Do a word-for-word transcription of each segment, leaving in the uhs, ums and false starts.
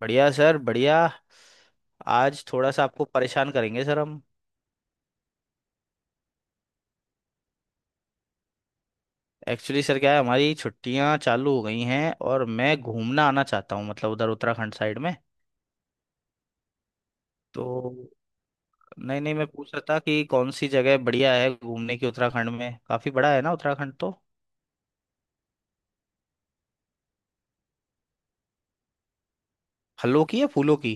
बढ़िया सर बढ़िया। आज थोड़ा सा आपको परेशान करेंगे सर हम। एक्चुअली सर क्या है, हमारी छुट्टियां चालू हो गई हैं और मैं घूमना आना चाहता हूँ, मतलब उधर उत्तराखंड साइड में। तो नहीं नहीं, मैं पूछ रहा था कि कौन सी जगह बढ़िया है घूमने की, उत्तराखंड में काफी बड़ा है ना उत्तराखंड तो। फलों की या फूलों की?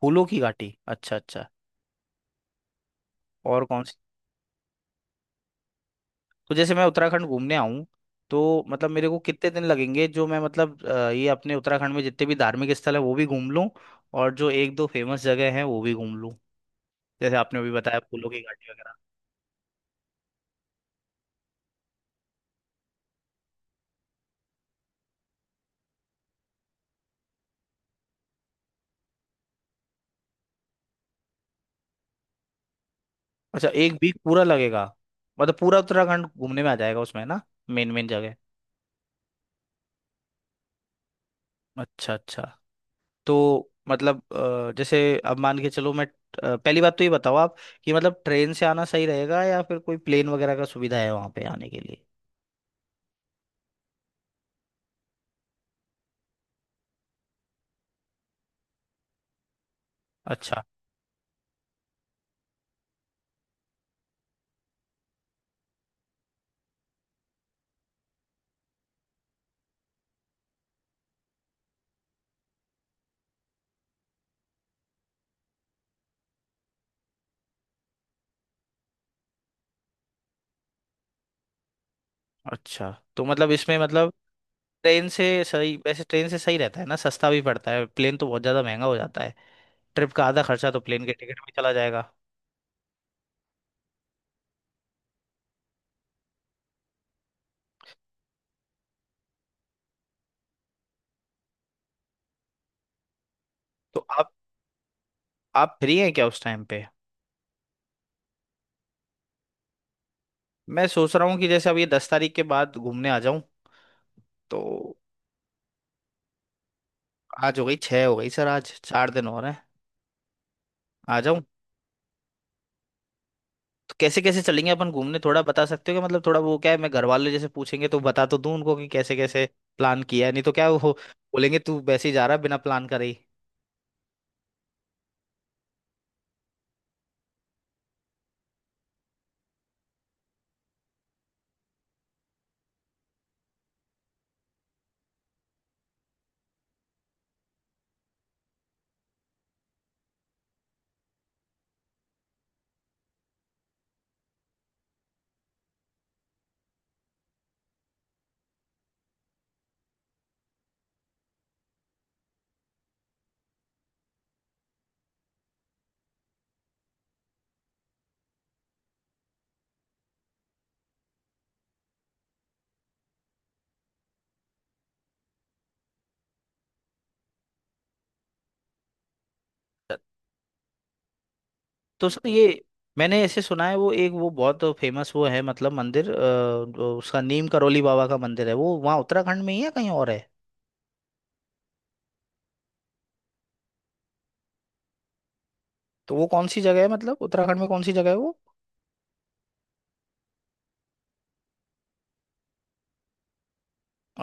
फूलों की घाटी, अच्छा अच्छा। और कौन? तो जैसे मैं उत्तराखंड घूमने आऊं तो मतलब मेरे को कितने दिन लगेंगे, जो मैं मतलब अ, ये अपने उत्तराखंड में जितने भी धार्मिक स्थल है वो भी घूम लूं, और जो एक दो फेमस जगह है वो भी घूम लूं, जैसे आपने अभी बताया फूलों की घाटी वगैरह। अच्छा, एक वीक पूरा लगेगा? मतलब पूरा उत्तराखंड घूमने में आ जाएगा उसमें ना, मेन मेन जगह। अच्छा अच्छा। तो मतलब अ, जैसे अब मान के चलो मैं अ, पहली बात तो ये बताओ आप कि मतलब ट्रेन से आना सही रहेगा या फिर कोई प्लेन वगैरह का सुविधा है वहां पे आने के लिए। अच्छा अच्छा। तो मतलब इसमें मतलब ट्रेन से सही, वैसे ट्रेन से सही रहता है ना, सस्ता भी पड़ता है, प्लेन तो बहुत ज़्यादा महंगा हो जाता है। ट्रिप का आधा खर्चा तो प्लेन के टिकट में चला जाएगा। तो आप आप फ्री हैं क्या उस टाइम पे? मैं सोच रहा हूँ कि जैसे अब ये दस तारीख के बाद घूमने आ जाऊँ। तो आज हो गई छः, हो गई सर, आज चार दिन हो रहे हैं। आ जाऊँ? तो कैसे कैसे चलेंगे अपन घूमने, थोड़ा बता सकते हो क्या? मतलब थोड़ा वो क्या है, मैं घर वाले जैसे पूछेंगे तो बता तो दूं उनको कि कैसे कैसे प्लान किया है, नहीं तो क्या वो बोलेंगे तू वैसे ही जा रहा है बिना प्लान करे ही। तो सर ये मैंने ऐसे सुना है, वो एक वो बहुत फेमस वो है, मतलब मंदिर अ, जो उसका नीम करोली बाबा का मंदिर है, वो वहाँ उत्तराखंड में ही है कहीं और है? तो वो कौन सी जगह है, मतलब उत्तराखंड में कौन सी जगह है वो?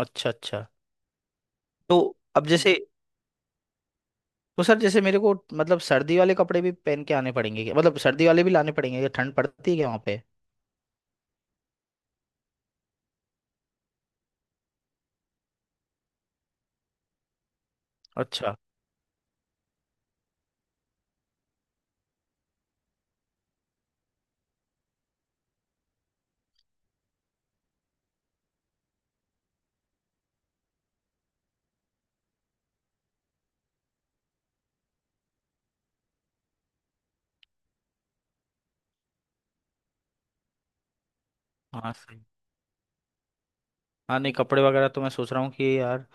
अच्छा अच्छा। तो अब जैसे, तो सर जैसे मेरे को मतलब सर्दी वाले कपड़े भी पहन के आने पड़ेंगे क्या, मतलब सर्दी वाले भी लाने पड़ेंगे क्या, ठंड पड़ती है क्या वहाँ पे? अच्छा। हाँ सही। हाँ नहीं, कपड़े वगैरह तो मैं सोच रहा हूँ कि यार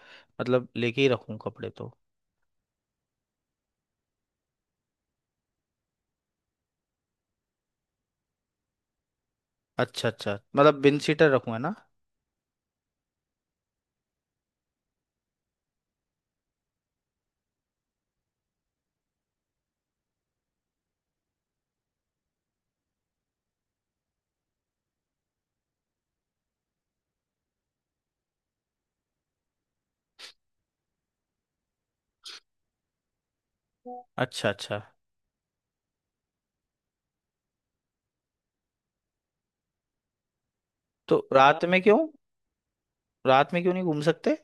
मतलब लेके ही रखूँ कपड़े तो। अच्छा अच्छा, मतलब बिन सीटर रखूँ, है ना? अच्छा अच्छा। तो रात में क्यों, रात में क्यों नहीं घूम सकते?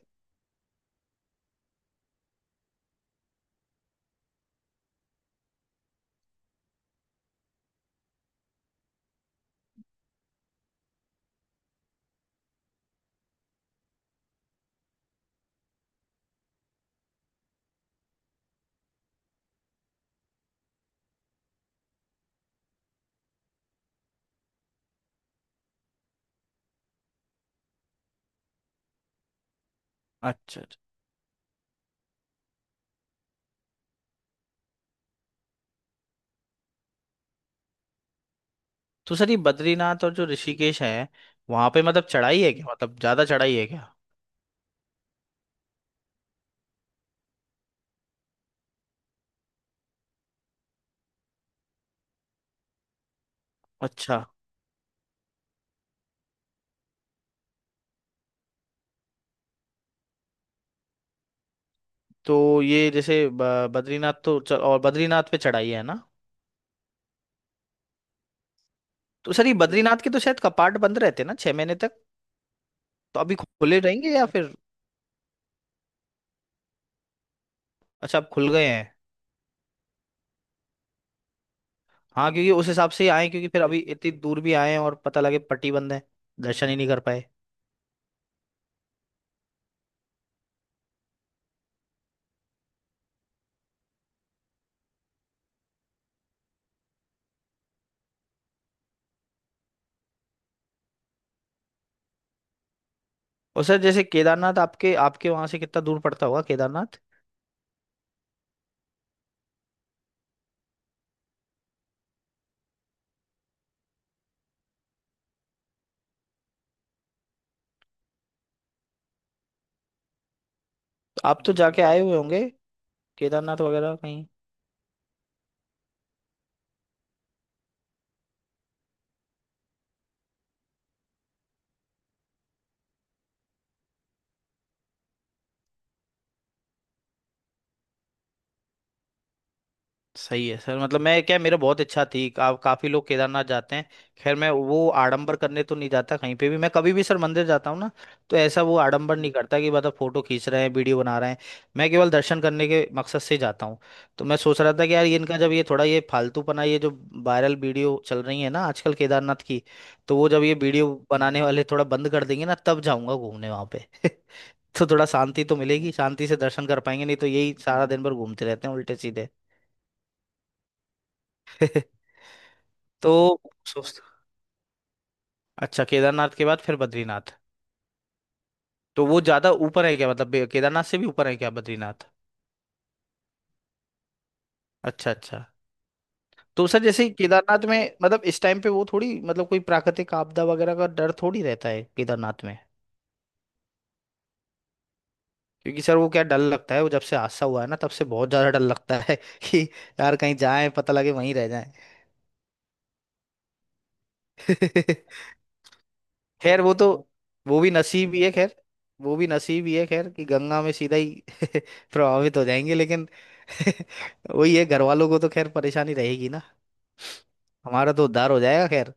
अच्छा अच्छा। तो सर ये बद्रीनाथ और जो ऋषिकेश है वहां पे मतलब चढ़ाई है क्या, मतलब ज्यादा चढ़ाई है क्या? अच्छा। तो ये जैसे ब- बद्रीनाथ तो च- और बद्रीनाथ पे चढ़ाई है ना? तो सर ये बद्रीनाथ के तो शायद कपाट बंद रहते हैं ना छह महीने तक। तो अभी खुले रहेंगे या फिर? अच्छा, अब खुल गए हैं? हाँ, क्योंकि उस हिसाब से ही आए, क्योंकि फिर अभी इतनी दूर भी आए हैं और पता लगे पट्टी बंद है, दर्शन ही नहीं कर पाए। और सर जैसे केदारनाथ आपके आपके वहां से कितना दूर पड़ता होगा, केदारनाथ? तो आप तो जाके आए हुए होंगे केदारनाथ वगैरह कहीं? सही है सर, मतलब मैं क्या, मेरा बहुत इच्छा थी, का, काफी लोग केदारनाथ जाते हैं। खैर मैं वो आडंबर करने तो नहीं जाता कहीं पे भी, मैं कभी भी सर मंदिर जाता हूँ ना तो ऐसा वो आडंबर नहीं करता कि मतलब फोटो खींच रहे हैं, वीडियो बना रहे हैं। मैं केवल दर्शन करने के मकसद से जाता हूँ। तो मैं सोच रहा था कि यार ये इनका जब ये थोड़ा ये फालतूपना, ये जो वायरल वीडियो चल रही है ना आजकल केदारनाथ की, तो वो जब ये वीडियो बनाने वाले थोड़ा बंद कर देंगे ना तब जाऊंगा घूमने वहां पे तो थोड़ा शांति तो मिलेगी, शांति से दर्शन कर पाएंगे, नहीं तो यही सारा दिन भर घूमते रहते हैं उल्टे सीधे। तो सोच, अच्छा केदारनाथ के बाद फिर बद्रीनाथ? तो वो ज्यादा ऊपर है क्या, मतलब बे- केदारनाथ से भी ऊपर है क्या बद्रीनाथ? अच्छा अच्छा। तो सर जैसे केदारनाथ में मतलब इस टाइम पे वो थोड़ी मतलब कोई प्राकृतिक आपदा वगैरह का डर थोड़ी रहता है केदारनाथ में? क्योंकि सर वो क्या, डर लगता है वो, जब से हादसा हुआ है ना तब से बहुत ज्यादा डर लगता है कि यार कहीं जाए पता लगे वहीं रह जाए खैर वो तो, वो भी नसीब ही है खैर, वो भी नसीब ही है खैर, कि गंगा में सीधा ही प्रभावित हो जाएंगे, लेकिन वही है, घर वालों को तो खैर परेशानी रहेगी ना, हमारा तो उद्धार हो जाएगा खैर।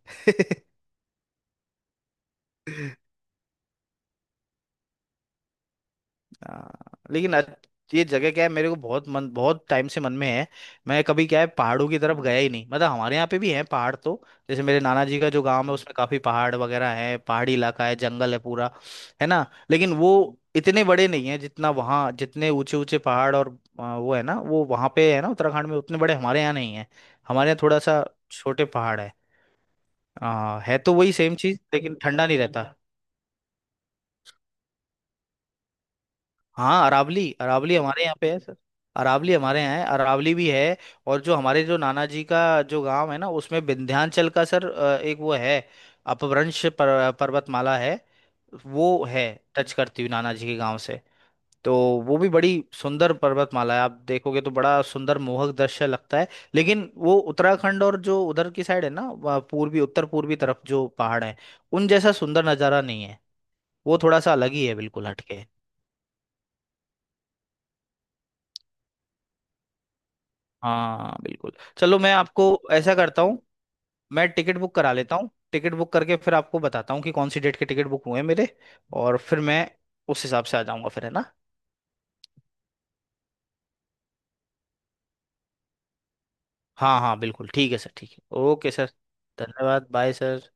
हाँ। लेकिन अच- ये जगह क्या है, मेरे को बहुत मन, बहुत टाइम से मन में है। मैं कभी क्या है पहाड़ों की तरफ गया ही नहीं, मतलब हमारे यहाँ पे भी है पहाड़ तो, जैसे मेरे नाना जी का जो गांव है उसमें काफी पहाड़ वगैरह है, पहाड़ी इलाका है, जंगल है पूरा, है ना? लेकिन वो इतने बड़े नहीं है जितना वहाँ, जितने ऊंचे ऊंचे पहाड़ और आ, वो है ना, वो वहाँ पे है ना उत्तराखंड में, उतने बड़े हमारे यहाँ नहीं है। हमारे यहाँ थोड़ा सा छोटे पहाड़ है, आ, है तो वही सेम चीज लेकिन ठंडा नहीं रहता। हाँ अरावली, अरावली हमारे यहाँ पे है सर, अरावली हमारे यहाँ है, अरावली भी है। और जो हमारे, जो नाना जी का जो गांव है ना उसमें विंध्याचल का सर अ, एक वो है, अपभ्रंश पर, पर्वतमाला है, वो है टच करती हुई नाना जी के गांव से। तो वो भी बड़ी सुंदर पर्वतमाला है, आप देखोगे तो बड़ा सुंदर मोहक दृश्य लगता है। लेकिन वो उत्तराखंड और जो उधर की साइड है ना, वहाँ पूर्वी उत्तर पूर्वी तरफ जो पहाड़ है उन जैसा सुंदर नज़ारा नहीं है, वो थोड़ा सा अलग ही है, बिल्कुल हटके है। हाँ बिल्कुल। चलो मैं आपको ऐसा करता हूँ, मैं टिकट बुक करा लेता हूँ, टिकट बुक करके फिर आपको बताता हूँ कि कौन सी डेट के टिकट बुक हुए हैं मेरे, और फिर मैं उस हिसाब से आ जाऊंगा फिर, है ना? हाँ हाँ, बिल्कुल ठीक है सर, ठीक है, ओके सर। धन्यवाद, बाय सर।